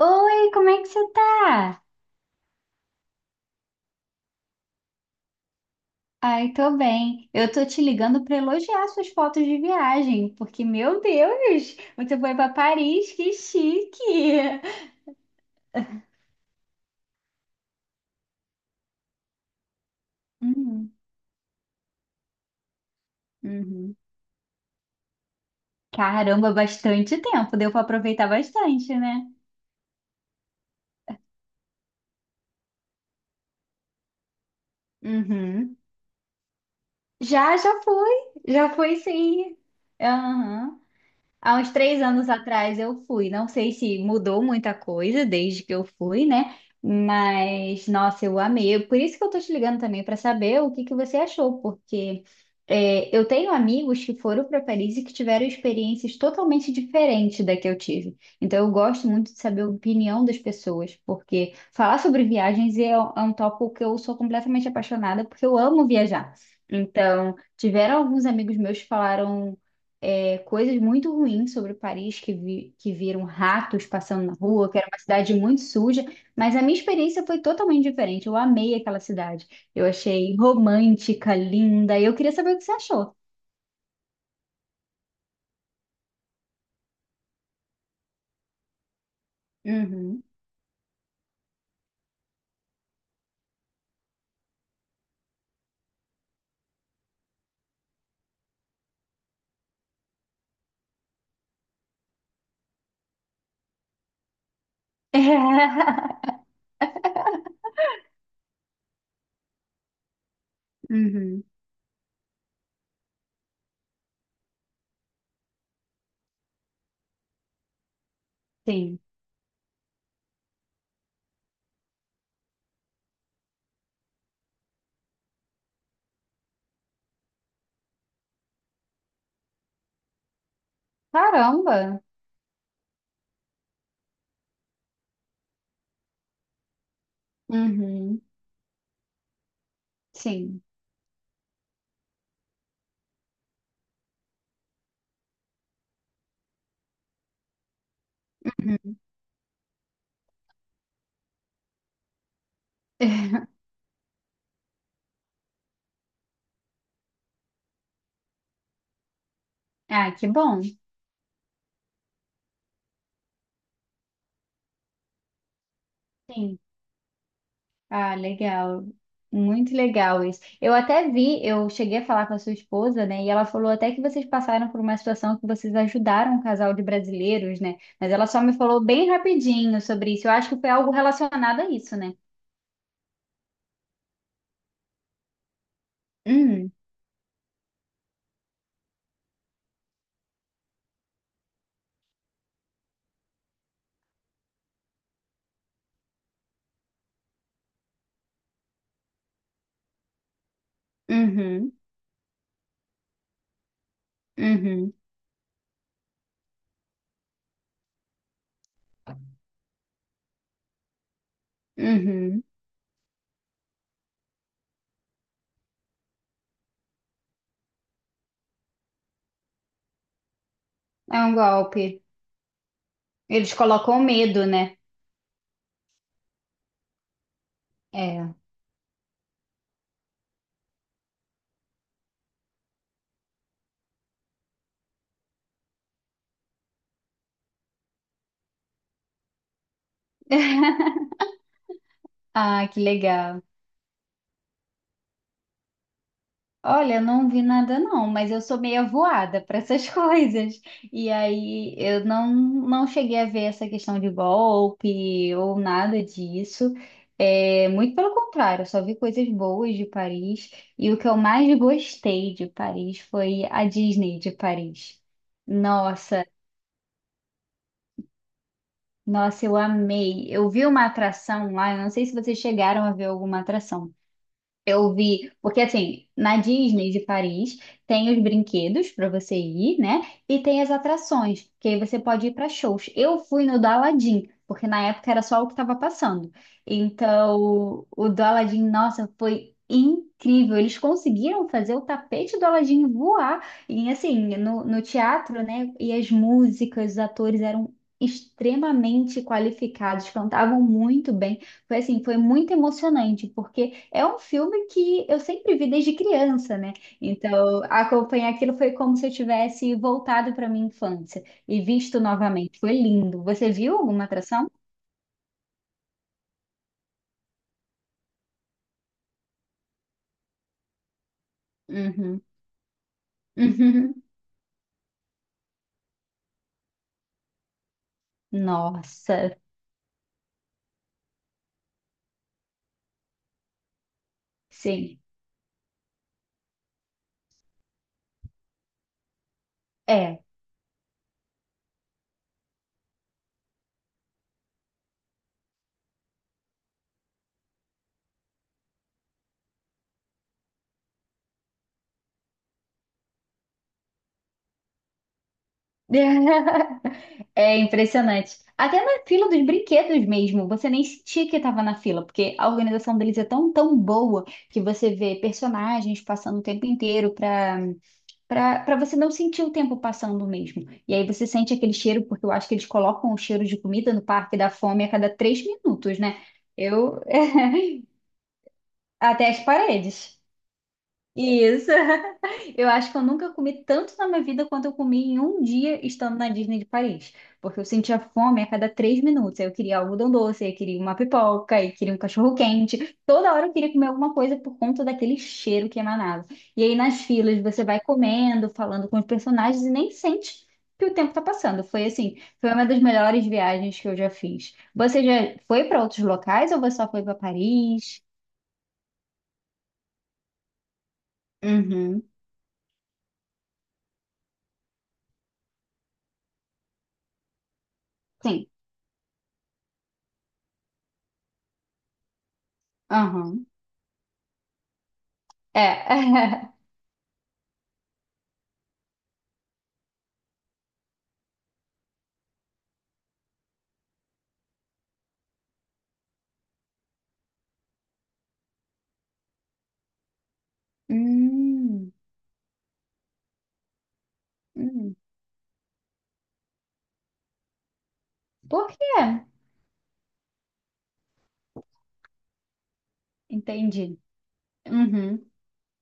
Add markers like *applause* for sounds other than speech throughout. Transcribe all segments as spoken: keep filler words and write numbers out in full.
Oi, como é que você tá? Ai, tô bem. Eu tô te ligando pra elogiar suas fotos de viagem, porque, meu Deus, você foi pra Paris, que chique! Uhum, uhum. Caramba, bastante tempo, deu pra aproveitar bastante, né? Uhum. Já, já fui, já fui sim. Há uns três anos atrás eu fui. Não sei se mudou muita coisa desde que eu fui, né? Mas, nossa, eu amei. Por isso que eu tô te ligando também para saber o que que você achou, porque é, eu tenho amigos que foram para Paris e que tiveram experiências totalmente diferentes da que eu tive. Então, eu gosto muito de saber a opinião das pessoas, porque falar sobre viagens é é um tópico que eu sou completamente apaixonada, porque eu amo viajar. Então, tiveram alguns amigos meus que falaram é, coisas muito ruins sobre Paris, que, vi- que viram ratos passando na rua, que era uma cidade muito suja, mas a minha experiência foi totalmente diferente. Eu amei aquela cidade. Eu achei romântica, linda, e eu queria saber o que você achou. Uhum. *laughs* Uhum. Sim. Caramba! Uhum. Sim. Uhum. Ah, que bom. Sim. Ah, legal. Muito legal isso. Eu até vi, eu cheguei a falar com a sua esposa, né? E ela falou até que vocês passaram por uma situação que vocês ajudaram um casal de brasileiros, né? Mas ela só me falou bem rapidinho sobre isso. Eu acho que foi algo relacionado a isso, né? Hum, uhum, uhum, uhum. É um golpe. Eles colocam medo, né? É. *laughs* Ah, que legal. Olha, não vi nada não, mas eu sou meio voada para essas *laughs* coisas. E aí eu não, não cheguei a ver essa questão de golpe ou nada disso. É, muito pelo contrário, eu só vi coisas boas de Paris. E o que eu mais gostei de Paris foi a Disney de Paris. Nossa, nossa, eu amei. Eu vi uma atração lá, eu não sei se vocês chegaram a ver alguma atração. Eu vi, porque assim, na Disney de Paris tem os brinquedos para você ir, né? E tem as atrações, que aí você pode ir para shows. Eu fui no do Aladdin, porque na época era só o que estava passando. Então, o do Aladdin, nossa, foi incrível. Eles conseguiram fazer o tapete do Aladdin voar. E assim, no, no teatro, né? E as músicas, os atores eram extremamente qualificados, cantavam muito bem. Foi assim, foi muito emocionante, porque é um filme que eu sempre vi desde criança, né? Então, acompanhar aquilo foi como se eu tivesse voltado para minha infância e visto novamente. Foi lindo. Você viu alguma atração? Uhum. Uhum. Nossa, sim. É. *laughs* É impressionante. Até na fila dos brinquedos mesmo, você nem sentia que estava na fila, porque a organização deles é tão, tão boa que você vê personagens passando o tempo inteiro para para você não sentir o tempo passando mesmo. E aí você sente aquele cheiro, porque eu acho que eles colocam o cheiro de comida no Parque da Fome a cada três minutos, né? Eu. *laughs* Até as paredes. Isso. *laughs* Eu acho que eu nunca comi tanto na minha vida quanto eu comi em um dia estando na Disney de Paris. Porque eu sentia fome a cada três minutos. Aí eu queria algodão doce, aí eu queria uma pipoca, aí eu queria um cachorro-quente. Toda hora eu queria comer alguma coisa por conta daquele cheiro que emanava. E aí nas filas você vai comendo, falando com os personagens e nem sente que o tempo tá passando. Foi assim, foi uma das melhores viagens que eu já fiz. Você já foi para outros locais ou você só foi para Paris? Uhum. Sim. Aham. É. *laughs* Hum, hum. Por quê? Entendi. Uhum,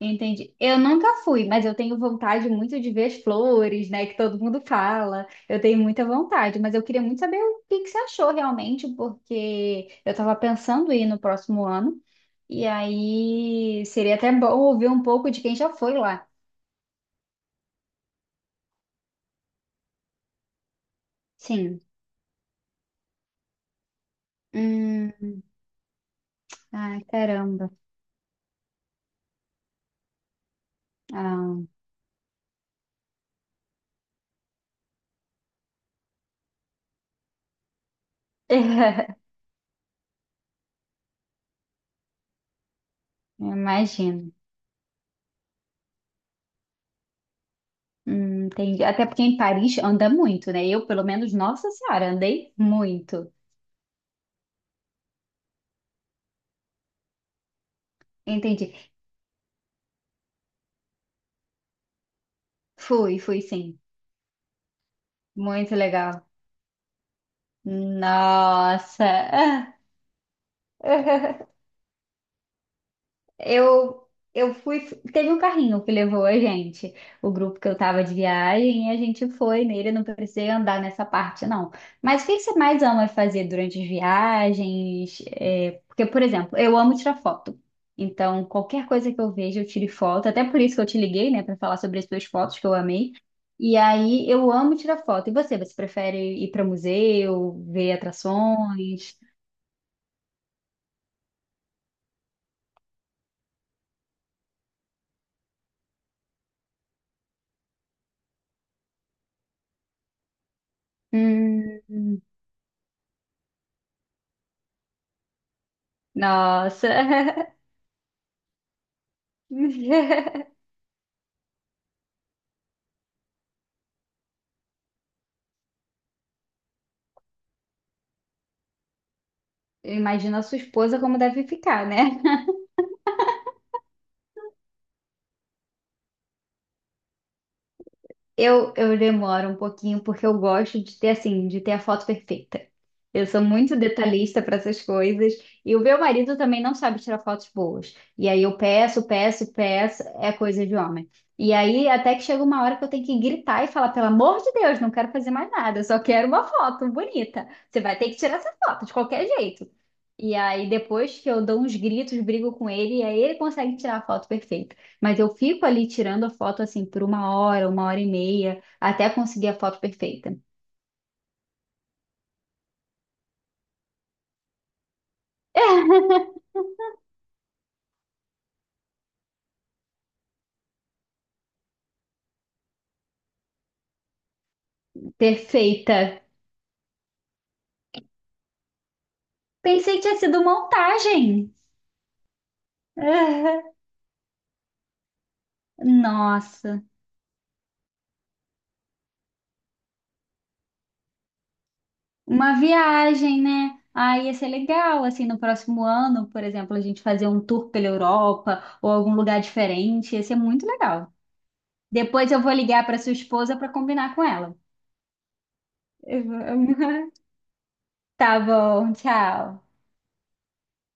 entendi. Eu nunca fui, mas eu tenho vontade muito de ver as flores, né? Que todo mundo fala. Eu tenho muita vontade, mas eu queria muito saber o que que você achou realmente, porque eu estava pensando em ir no próximo ano. E aí seria até bom ouvir um pouco de quem já foi lá. Sim. Hum. Ai, caramba. Ah. *laughs* Imagino. Hum, entendi. Até porque em Paris anda muito, né? Eu, pelo menos, nossa senhora, andei muito. Entendi. Fui, fui sim. Muito legal. Nossa. *laughs* Eu, eu fui. Teve um carrinho que levou a gente, o grupo que eu tava de viagem, e a gente foi nele. Eu não precisei andar nessa parte, não. Mas o que que você mais ama fazer durante as viagens? É, porque, por exemplo, eu amo tirar foto. Então, qualquer coisa que eu vejo, eu tiro foto. Até por isso que eu te liguei, né, para falar sobre as suas fotos que eu amei. E aí, eu amo tirar foto. E você? Você prefere ir para museu, ver atrações? Hum, nossa. *laughs* Imagina a sua esposa como deve ficar, né? *laughs* Eu, eu demoro um pouquinho porque eu gosto de ter assim, de ter a foto perfeita. Eu sou muito detalhista para essas coisas e o meu marido também não sabe tirar fotos boas. E aí eu peço, peço, peço, é coisa de homem. E aí até que chega uma hora que eu tenho que gritar e falar, pelo amor de Deus, não quero fazer mais nada, eu só quero uma foto bonita. Você vai ter que tirar essa foto de qualquer jeito. E aí depois que eu dou uns gritos, brigo com ele e aí ele consegue tirar a foto perfeita. Mas eu fico ali tirando a foto assim por uma hora, uma hora e meia, até conseguir a foto perfeita. *laughs* Perfeita. Pensei que tinha sido montagem. *laughs* Ah, nossa, uma viagem, né? Ah, ia ser legal, assim, no próximo ano, por exemplo, a gente fazer um tour pela Europa ou algum lugar diferente, ia ser muito legal. Depois eu vou ligar para sua esposa para combinar com ela. *laughs* Tá bom, tchau.